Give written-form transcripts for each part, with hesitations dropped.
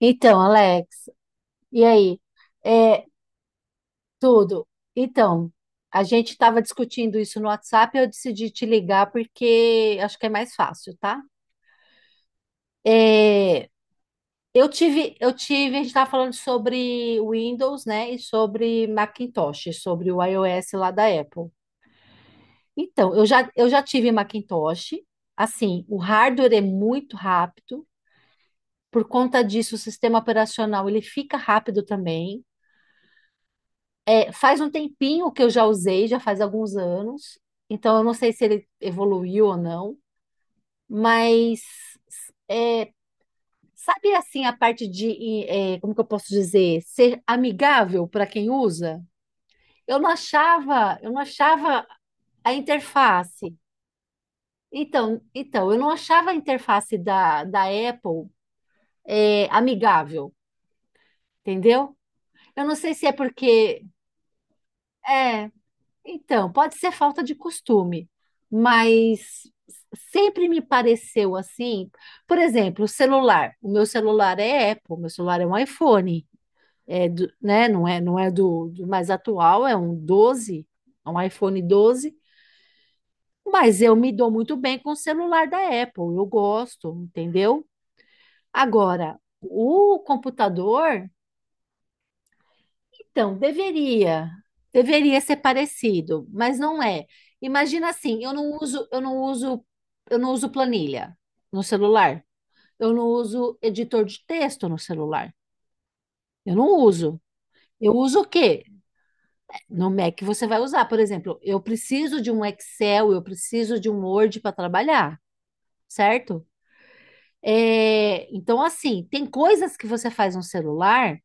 Então, Alex, e aí? É, tudo. Então, a gente estava discutindo isso no WhatsApp, eu decidi te ligar porque acho que é mais fácil, tá? É, a gente estava falando sobre Windows, né, e sobre Macintosh, sobre o iOS lá da Apple. Então, eu já tive Macintosh, assim, o hardware é muito rápido, por conta disso o sistema operacional ele fica rápido também. Faz um tempinho que eu já usei, já faz alguns anos. Então, eu não sei se ele evoluiu ou não, mas é, sabe assim a parte de, como que eu posso dizer, ser amigável para quem usa? Eu não achava a interface. Então, eu não achava a interface da Apple amigável, entendeu? Eu não sei se é porque é, então, pode ser falta de costume, mas sempre me pareceu assim. Por exemplo, o celular. O meu celular é Apple, meu celular é um iPhone, né? Não é, não é do mais atual, é um 12 é um iPhone doze. Mas eu me dou muito bem com o celular da Apple, eu gosto, entendeu? Agora, o computador. Então, deveria ser parecido, mas não é. Imagina assim, eu não uso, eu não uso, eu não uso planilha no celular. Eu não uso editor de texto no celular. Eu não uso. Eu uso o quê? No Mac você vai usar, por exemplo, eu preciso de um Excel, eu preciso de um Word para trabalhar, certo? É, então, assim, tem coisas que você faz no celular.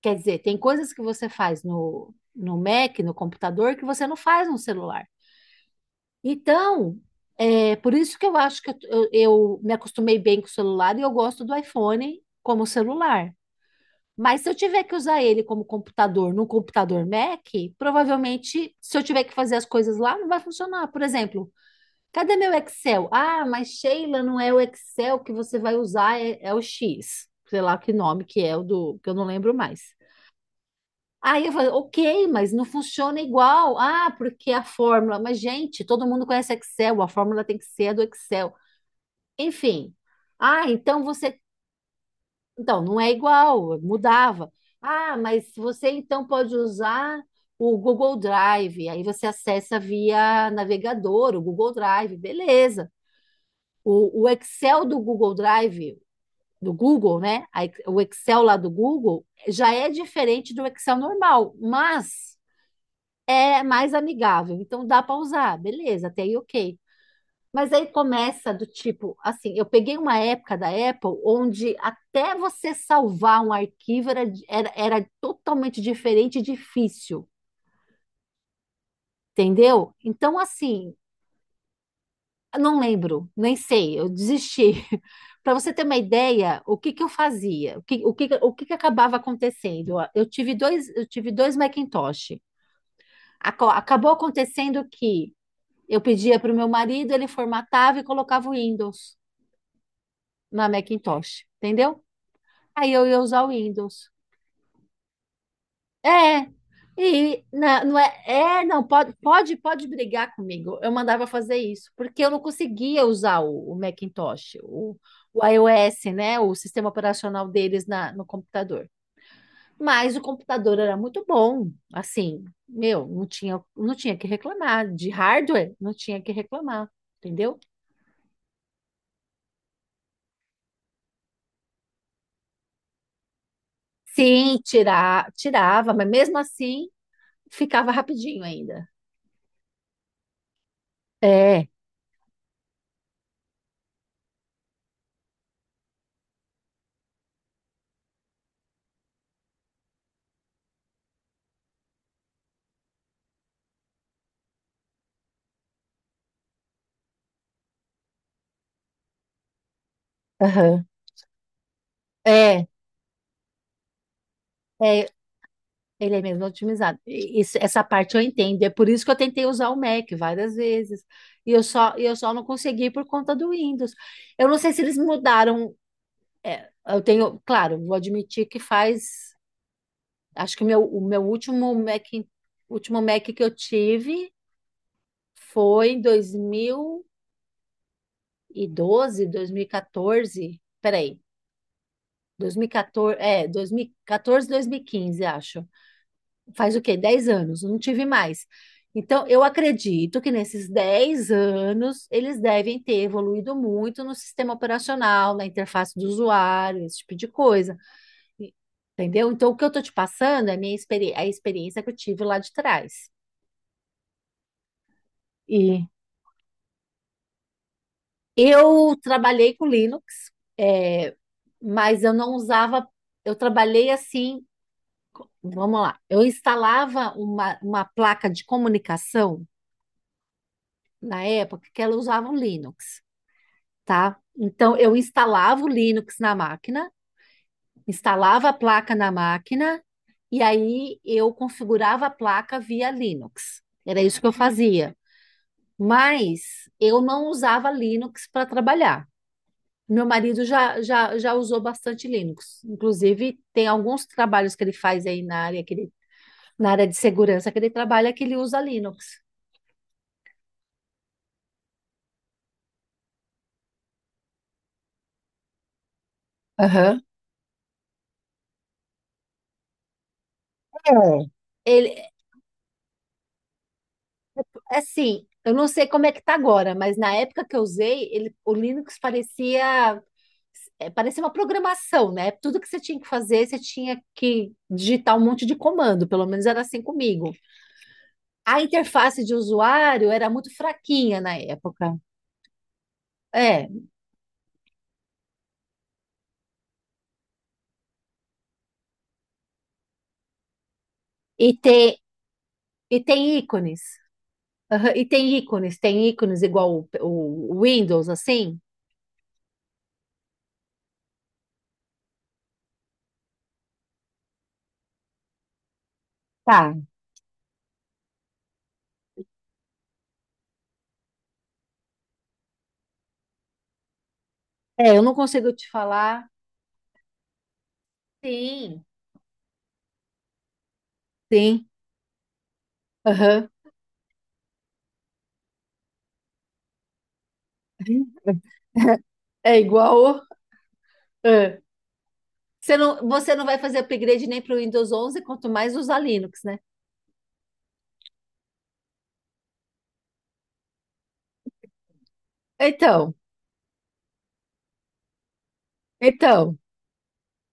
Quer dizer, tem coisas que você faz no Mac, no computador, que você não faz no celular. Então, é por isso que eu acho que eu me acostumei bem com o celular e eu gosto do iPhone como celular. Mas se eu tiver que usar ele como computador no computador Mac, provavelmente, se eu tiver que fazer as coisas lá, não vai funcionar. Por exemplo, cadê meu Excel? Ah, mas Sheila, não é o Excel que você vai usar, é o X. Sei lá que nome que é o do, que eu não lembro mais. Aí eu falei, ok, mas não funciona igual. Ah, porque a fórmula. Mas, gente, todo mundo conhece Excel, a fórmula tem que ser a do Excel. Enfim. Ah, então você. Então, não é igual, mudava. Ah, mas você então pode usar o Google Drive. Aí você acessa via navegador, o Google Drive, beleza. O Excel do Google Drive, do Google, né? O Excel lá do Google já é diferente do Excel normal, mas é mais amigável, então dá para usar, beleza, até aí ok. Mas aí começa do tipo, assim, eu peguei uma época da Apple onde até você salvar um arquivo era totalmente diferente e difícil, entendeu? Então, assim, eu não lembro, nem sei, eu desisti. Para você ter uma ideia, o que que eu fazia? O que que acabava acontecendo? Eu tive dois Macintosh. Acabou acontecendo que eu pedia para o meu marido, ele formatava e colocava o Windows na Macintosh, entendeu? Aí eu ia usar o Windows. É, não é, não, pode, pode, pode brigar comigo. Eu mandava fazer isso, porque eu não conseguia usar o, Macintosh, o iOS, né? O sistema operacional deles na, no computador. Mas o computador era muito bom, assim, meu, não tinha que reclamar. De hardware, não tinha que reclamar, entendeu? Sim, tirar, tirava, mas mesmo assim ficava rapidinho ainda. É, aham. É, é, ele é mesmo otimizado. E isso, essa parte eu entendo. É por isso que eu tentei usar o Mac várias vezes. E eu só não consegui por conta do Windows. Eu não sei se eles mudaram. Eu tenho, claro, vou admitir que faz. Acho que o meu último Mac que eu tive foi em dois dois mil mil e doze dois mil e 2014. Peraí. 2014, 2014, 2015, acho. Faz o quê? 10 anos, não tive mais. Então, eu acredito que nesses 10 anos eles devem ter evoluído muito no sistema operacional, na interface do usuário, esse tipo de coisa. E- Entendeu? Então, o que eu estou te passando é a minha experi é a experiência que eu tive lá de trás. E eu trabalhei com Linux, é, mas eu não usava. Eu trabalhei assim. Vamos lá. Eu instalava uma placa de comunicação na época que ela usava o Linux, tá? Então eu instalava o Linux na máquina, instalava a placa na máquina e aí eu configurava a placa via Linux. Era isso que eu fazia. Mas eu não usava Linux para trabalhar. Meu marido já usou bastante Linux. Inclusive, tem alguns trabalhos que ele faz aí na área, na área de segurança que ele trabalha que ele usa Linux. Aham. É. Ele, assim, eu não sei como é que tá agora, mas na época que eu usei, ele, o Linux parecia uma programação, né? Tudo que você tinha que fazer, você tinha que digitar um monte de comando, pelo menos era assim comigo. A interface de usuário era muito fraquinha na época. É, e tem, e tem ícones. Aham, e tem ícones igual o Windows, assim? Tá. É, eu não consigo te falar. Sim, sim. Aham. É igual. É. Você não vai fazer upgrade nem para o Windows 11, quanto mais usar Linux, né? Então, então,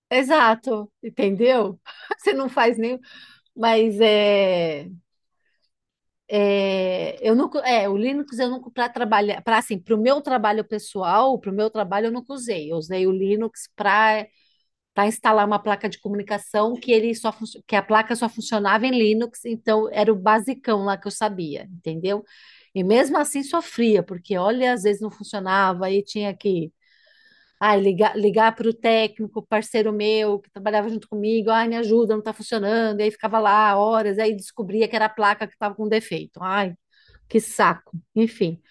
exato, entendeu? Você não faz nem, mas eu nunca, o Linux eu nunca para trabalhar, para assim, para o meu trabalho pessoal, para o meu trabalho eu nunca usei. Eu usei o Linux para para instalar uma placa de comunicação que a placa só funcionava em Linux, então era o basicão lá que eu sabia, entendeu? E mesmo assim sofria, porque olha, às vezes não funcionava e tinha que ai, ligar para o técnico, parceiro meu, que trabalhava junto comigo, ai, me ajuda, não está funcionando, e aí ficava lá horas, aí descobria que era a placa que estava com defeito. Ai, que saco. Enfim,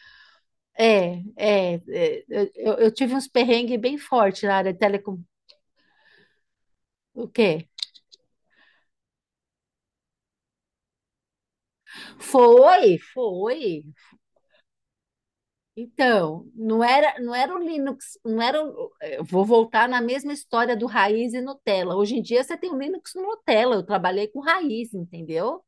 eu tive uns perrengues bem fortes na área de telecom. O quê? Foi, foi. Então, não era o Linux, não era o, eu vou voltar na mesma história do raiz e Nutella. Hoje em dia você tem o Linux no Nutella. Eu trabalhei com raiz, entendeu?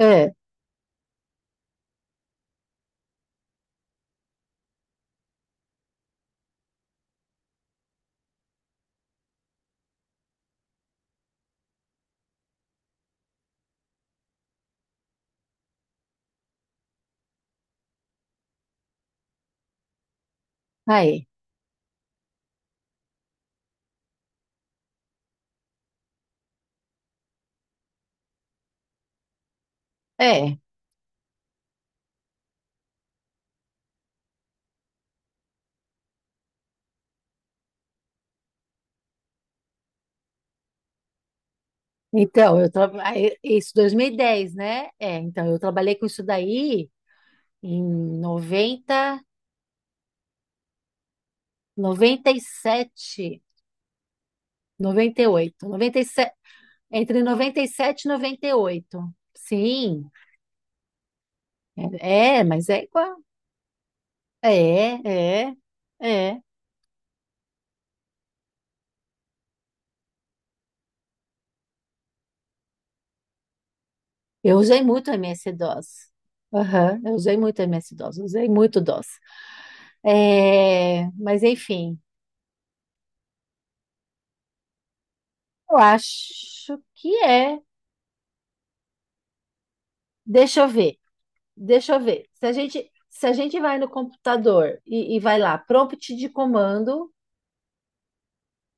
É, aí, é. Então, eu trabalhei isso 2010, né? É, então eu trabalhei com isso daí em noventa, noventa e sete, noventa e oito, noventa e sete, entre 90 e sete e noventa e oito. Sim, mas é igual. É, é, é. Eu usei muito MS-DOS. Aham, eu usei muito MS-DOS, usei muito DOS. É, mas enfim, eu acho que é. Deixa eu ver, deixa eu ver. Se a gente vai no computador e vai lá, prompt de comando,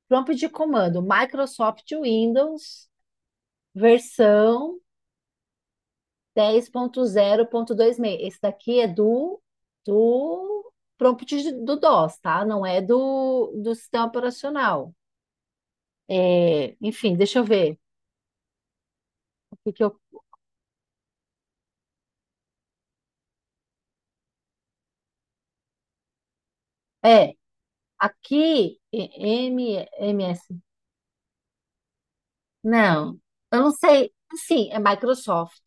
prompt de comando, Microsoft Windows, versão 10.0.06. Esse daqui é do, do prompt do DOS, tá? Não é do, do sistema operacional. É, enfim, deixa eu ver. O que que eu... É, aqui, M, MS. Não, eu não sei. Sim, é Microsoft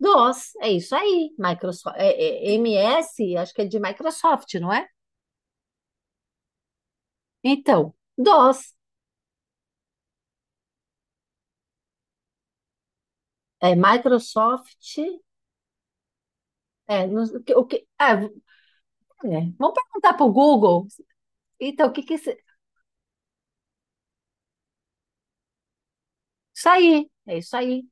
DOS. É isso aí. Microsoft, MS, acho que é de Microsoft, não é? Então, DOS. É Microsoft. É, o que, é, É. Vamos perguntar para o Google. Então, o que que... Isso aí, é isso aí.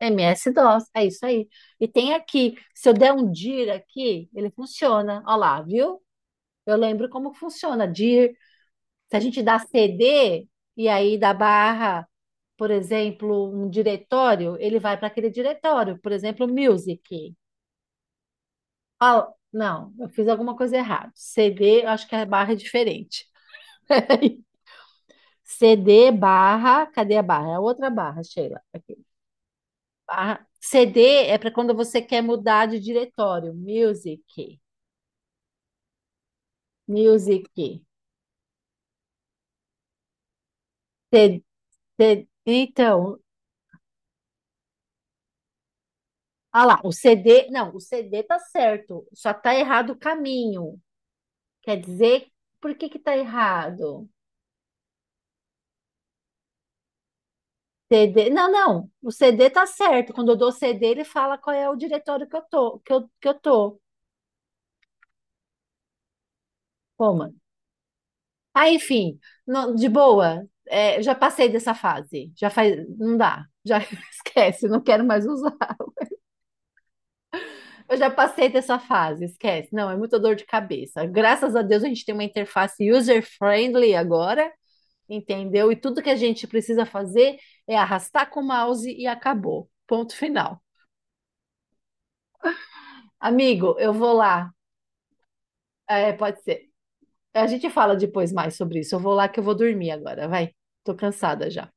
MS-DOS, é isso aí. E tem aqui, se eu der um dir aqui, ele funciona. Olha lá, viu? Eu lembro como funciona. Dir, se a gente dá CD e aí dá barra, por exemplo, um diretório, ele vai para aquele diretório. Por exemplo, music. Ah, não, eu fiz alguma coisa errada. CD, eu acho que a barra é diferente. CD barra, cadê a barra? É a outra barra, Sheila. Aqui. A CD é para quando você quer mudar de diretório. Music, music. C- então, ah lá, o CD, não, o CD tá certo, só tá errado o caminho. Quer dizer, por que que tá errado? CD, não, não, o CD tá certo. Quando eu dou CD, ele fala qual é o diretório que eu tô, que eu tô. Toma. Ah, enfim, de boa, já passei dessa fase. Já faz, não dá, já esquece, não quero mais usar. Eu já passei dessa fase, esquece. Não, é muita dor de cabeça. Graças a Deus a gente tem uma interface user-friendly agora, entendeu? E tudo que a gente precisa fazer é arrastar com o mouse e acabou. Ponto final. Amigo, eu vou lá. É, pode ser. A gente fala depois mais sobre isso. Eu vou lá que eu vou dormir agora, vai. Tô cansada já.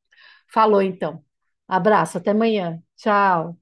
Falou então. Abraço, até amanhã. Tchau.